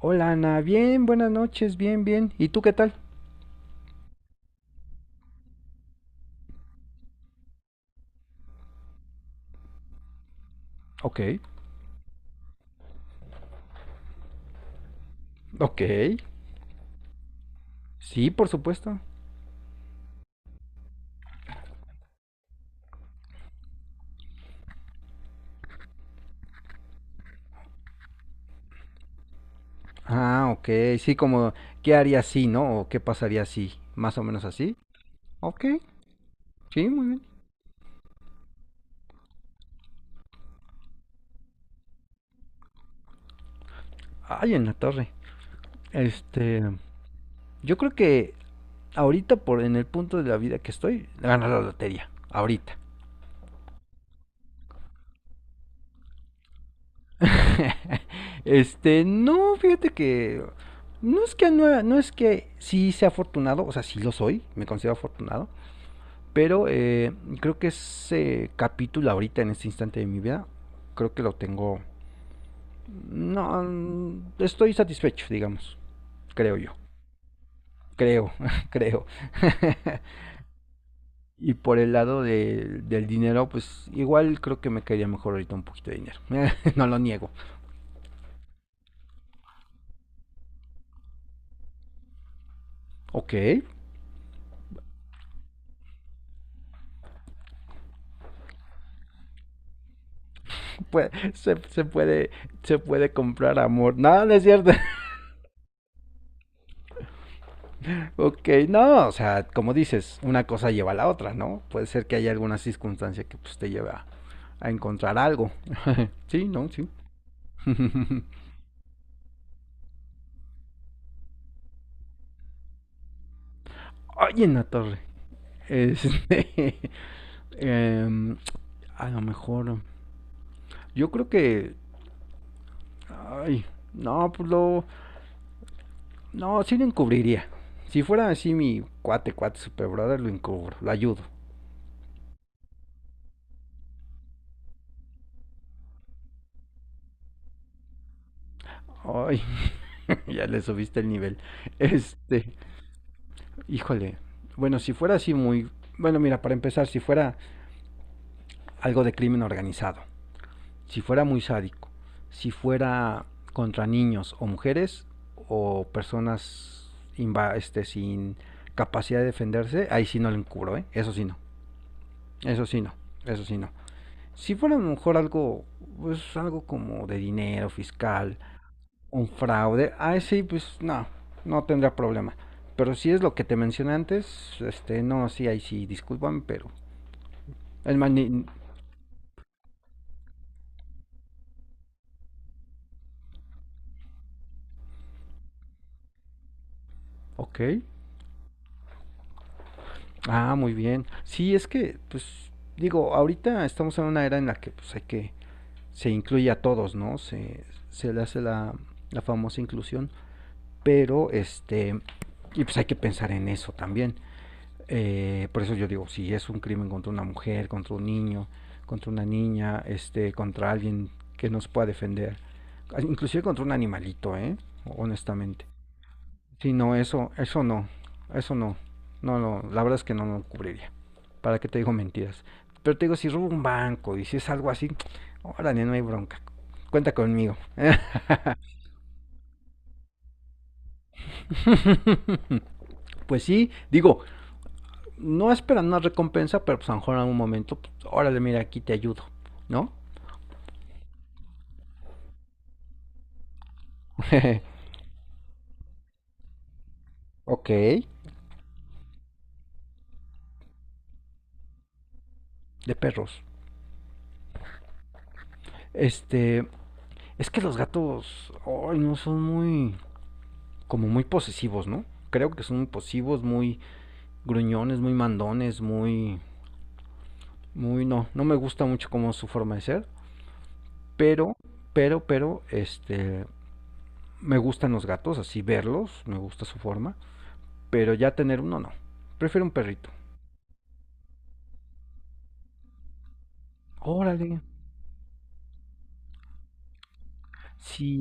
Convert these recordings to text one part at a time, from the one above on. Hola Ana, bien, buenas noches, bien, bien. ¿Y tú qué tal? Ok, ok. Sí, por supuesto. Ah, ok, sí, como, ¿qué haría si, no? ¿O qué pasaría si? Más o menos así. Ok, sí, muy bien. Ay, en la torre. Este, yo creo que ahorita, por en el punto de la vida que estoy, ganar la lotería. Ahorita. No, fíjate que no es que no, no es que sí sea afortunado, o sea, sí lo soy, me considero afortunado, pero creo que ese capítulo ahorita, en este instante de mi vida, creo que lo tengo... No, estoy satisfecho, digamos, creo yo. Creo, creo. Y por el lado del dinero, pues igual creo que me caería mejor ahorita un poquito de dinero. No lo niego. Ok, pues, se puede comprar amor. No, no es cierto. Ok, no, o sea, como dices, una cosa lleva a la otra, ¿no? Puede ser que haya alguna circunstancia que pues, te lleve a encontrar algo. Sí, no, sí. Oye, en la torre. Este, em, a lo mejor, yo creo que, ay, no, no, sí lo encubriría. Si fuera así mi cuate, super brother, lo encubro, lo ayudo. Ay, ya le subiste el nivel. Este, Híjole, bueno, si fuera así muy... Bueno, mira, para empezar, si fuera algo de crimen organizado, si fuera muy sádico, si fuera contra niños o mujeres o personas sin capacidad de defenderse, ahí sí no lo encubro, ¿eh? Eso sí no, eso sí no, eso sí no. Si fuera a lo mejor algo, pues algo como de dinero fiscal, un fraude, ah, sí, pues no, no tendrá problema. Pero si es lo que te mencioné antes, no, sí, ahí sí, discúlpame, pero el mani ni- ok, ah, muy bien. Sí, es que, pues, digo, ahorita estamos en una era en la que, pues, hay que, se incluye a todos, ¿no? Se le hace la famosa inclusión, pero, y pues hay que pensar en eso también. Por eso yo digo, si es un crimen contra una mujer, contra un niño, contra una niña, contra alguien que nos pueda defender, inclusive contra un animalito, ¿eh? Honestamente. Si no, eso, eso no, no, no, la verdad es que no lo no cubriría. ¿Para qué te digo mentiras? Pero te digo, si robo un banco y si es algo así, órale, no hay bronca. Cuenta conmigo. Pues sí, digo, no esperan una recompensa, pero pues a lo mejor en algún momento, pues, órale, mira, aquí te ayudo, ¿no? Ok. De perros. Este, es que los gatos, ay, no son muy, como muy posesivos, ¿no? Creo que son muy posesivos, muy gruñones, muy mandones, muy, muy, no, no me gusta mucho como su forma de ser, pero, pero, me gustan los gatos, así verlos, me gusta su forma, pero ya tener uno no, prefiero un perrito. Órale, si.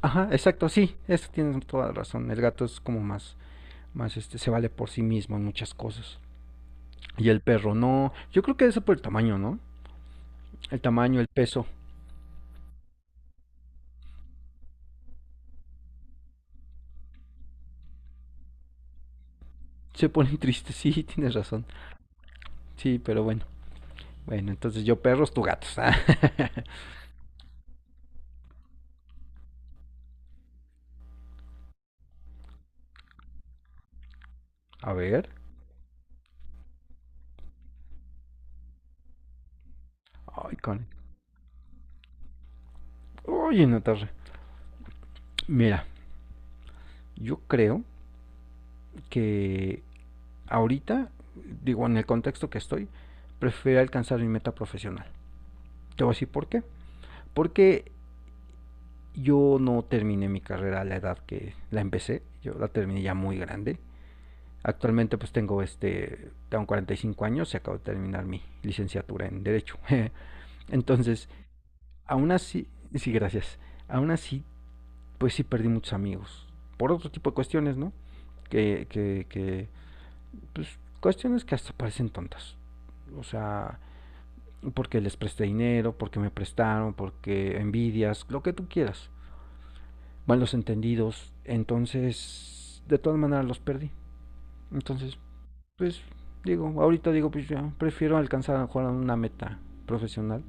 Ajá, exacto, sí, eso tienes toda la razón. El gato es como más, más se vale por sí mismo en muchas cosas. Y el perro no. Yo creo que eso por el tamaño, ¿no? El tamaño, el peso. Se ponen tristes, sí, tienes razón. Sí, pero bueno. Bueno, entonces yo perros, tú gatos. A ver. Ay, con. Oye, Natarra. Mira, yo creo que ahorita, digo, en el contexto que estoy, prefiero alcanzar mi meta profesional. Te voy a decir por qué. Porque yo no terminé mi carrera a la edad que la empecé, yo la terminé ya muy grande. Actualmente pues tengo 45 años y acabo de terminar mi licenciatura en Derecho. Entonces, aún así, sí, gracias, aún así pues sí perdí muchos amigos. Por otro tipo de cuestiones, ¿no? Que pues cuestiones que hasta parecen tontas. O sea, porque les presté dinero, porque me prestaron, porque envidias, lo que tú quieras. Malos entendidos. Entonces, de todas maneras los perdí. Entonces, pues digo, ahorita digo, pues ya prefiero alcanzar a lo mejor una meta profesional.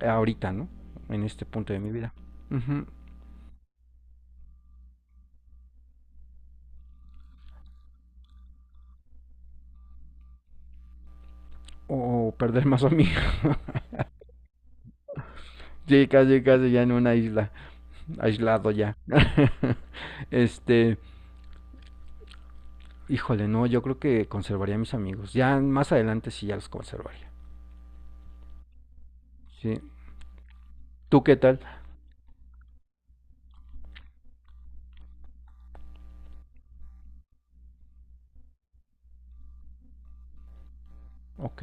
Ahorita, ¿no? En este punto de mi vida. Ujú. O perder más amigos. Sí, casi, casi ya en una isla. Aislado ya. este, Híjole, no, yo creo que conservaría a mis amigos. Ya más adelante sí ya los conservaría. Sí. ¿Tú qué tal? Ok,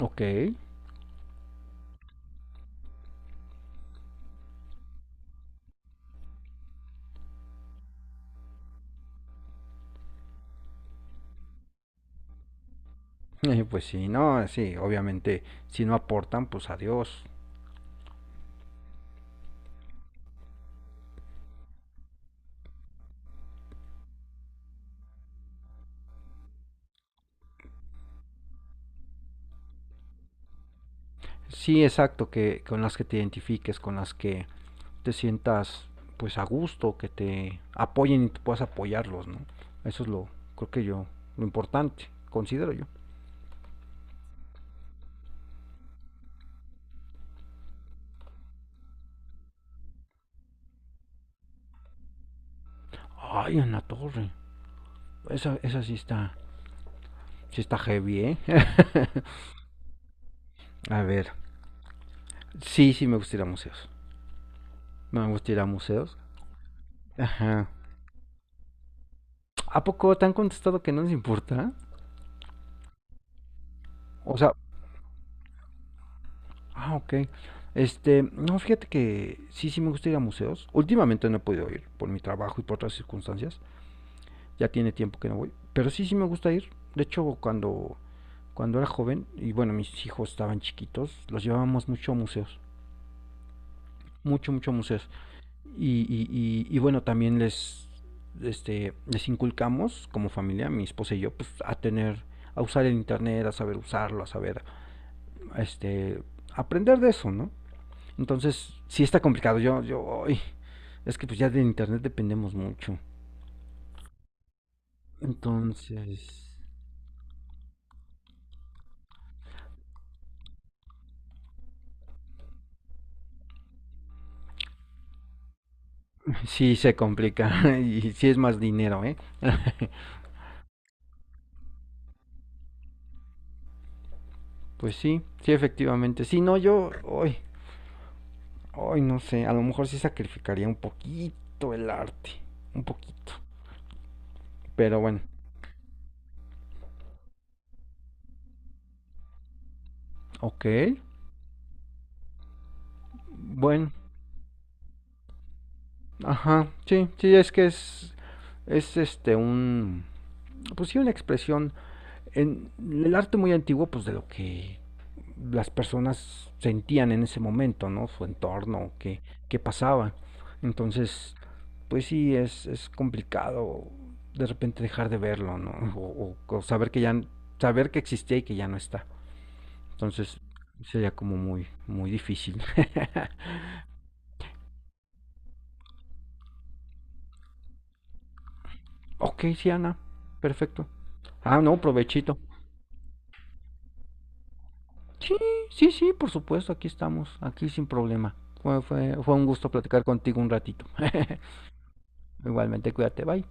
ok. Pues sí, no, sí, obviamente, si no aportan, pues adiós. Sí, exacto, que con las que te identifiques, con las que te sientas pues a gusto, que te apoyen y tú puedas apoyarlos, ¿no? Eso es lo, creo que yo, lo importante, considero yo. Ay, en la torre, esa sí está heavy, ¿eh? A ver, sí, sí me gusta ir a museos. Me gusta ir a museos. Ajá. ¿A poco te han contestado que no les importa? O sea, ah, ok. No, fíjate que sí, sí me gusta ir a museos. Últimamente no he podido ir por mi trabajo y por otras circunstancias. Ya tiene tiempo que no voy. Pero sí, sí me gusta ir. De hecho, cuando era joven, y bueno, mis hijos estaban chiquitos, los llevábamos mucho a museos. Mucho, mucho a museos. Y bueno, también les inculcamos como familia, mi esposa y yo, pues a tener, a usar el internet, a saber usarlo, a saber, este, aprender de eso, ¿no? Entonces, sí está complicado. Yo, ay, es que pues ya de internet dependemos mucho. Entonces, sí se complica y sí es más dinero, ¿eh? Pues sí, sí, efectivamente. Sí, no, hoy no sé, a lo mejor sí sacrificaría un poquito el arte, un poquito. Pero bueno, ok, bueno, ajá, sí, sí, es pues sí, una expresión en el arte muy antiguo, pues de lo que las personas sentían en ese momento, ¿no? Su entorno, qué pasaba. Entonces, pues sí, es complicado de repente dejar de verlo, ¿no? O saber que ya, saber que existía y que ya no está. Entonces, sería como muy, muy difícil. Ok, sí, Ana, perfecto. Ah, no, provechito. Sí, sí, sí, por supuesto, aquí estamos, aquí sin problema. Fue un gusto platicar contigo un ratito. Igualmente, cuídate, bye.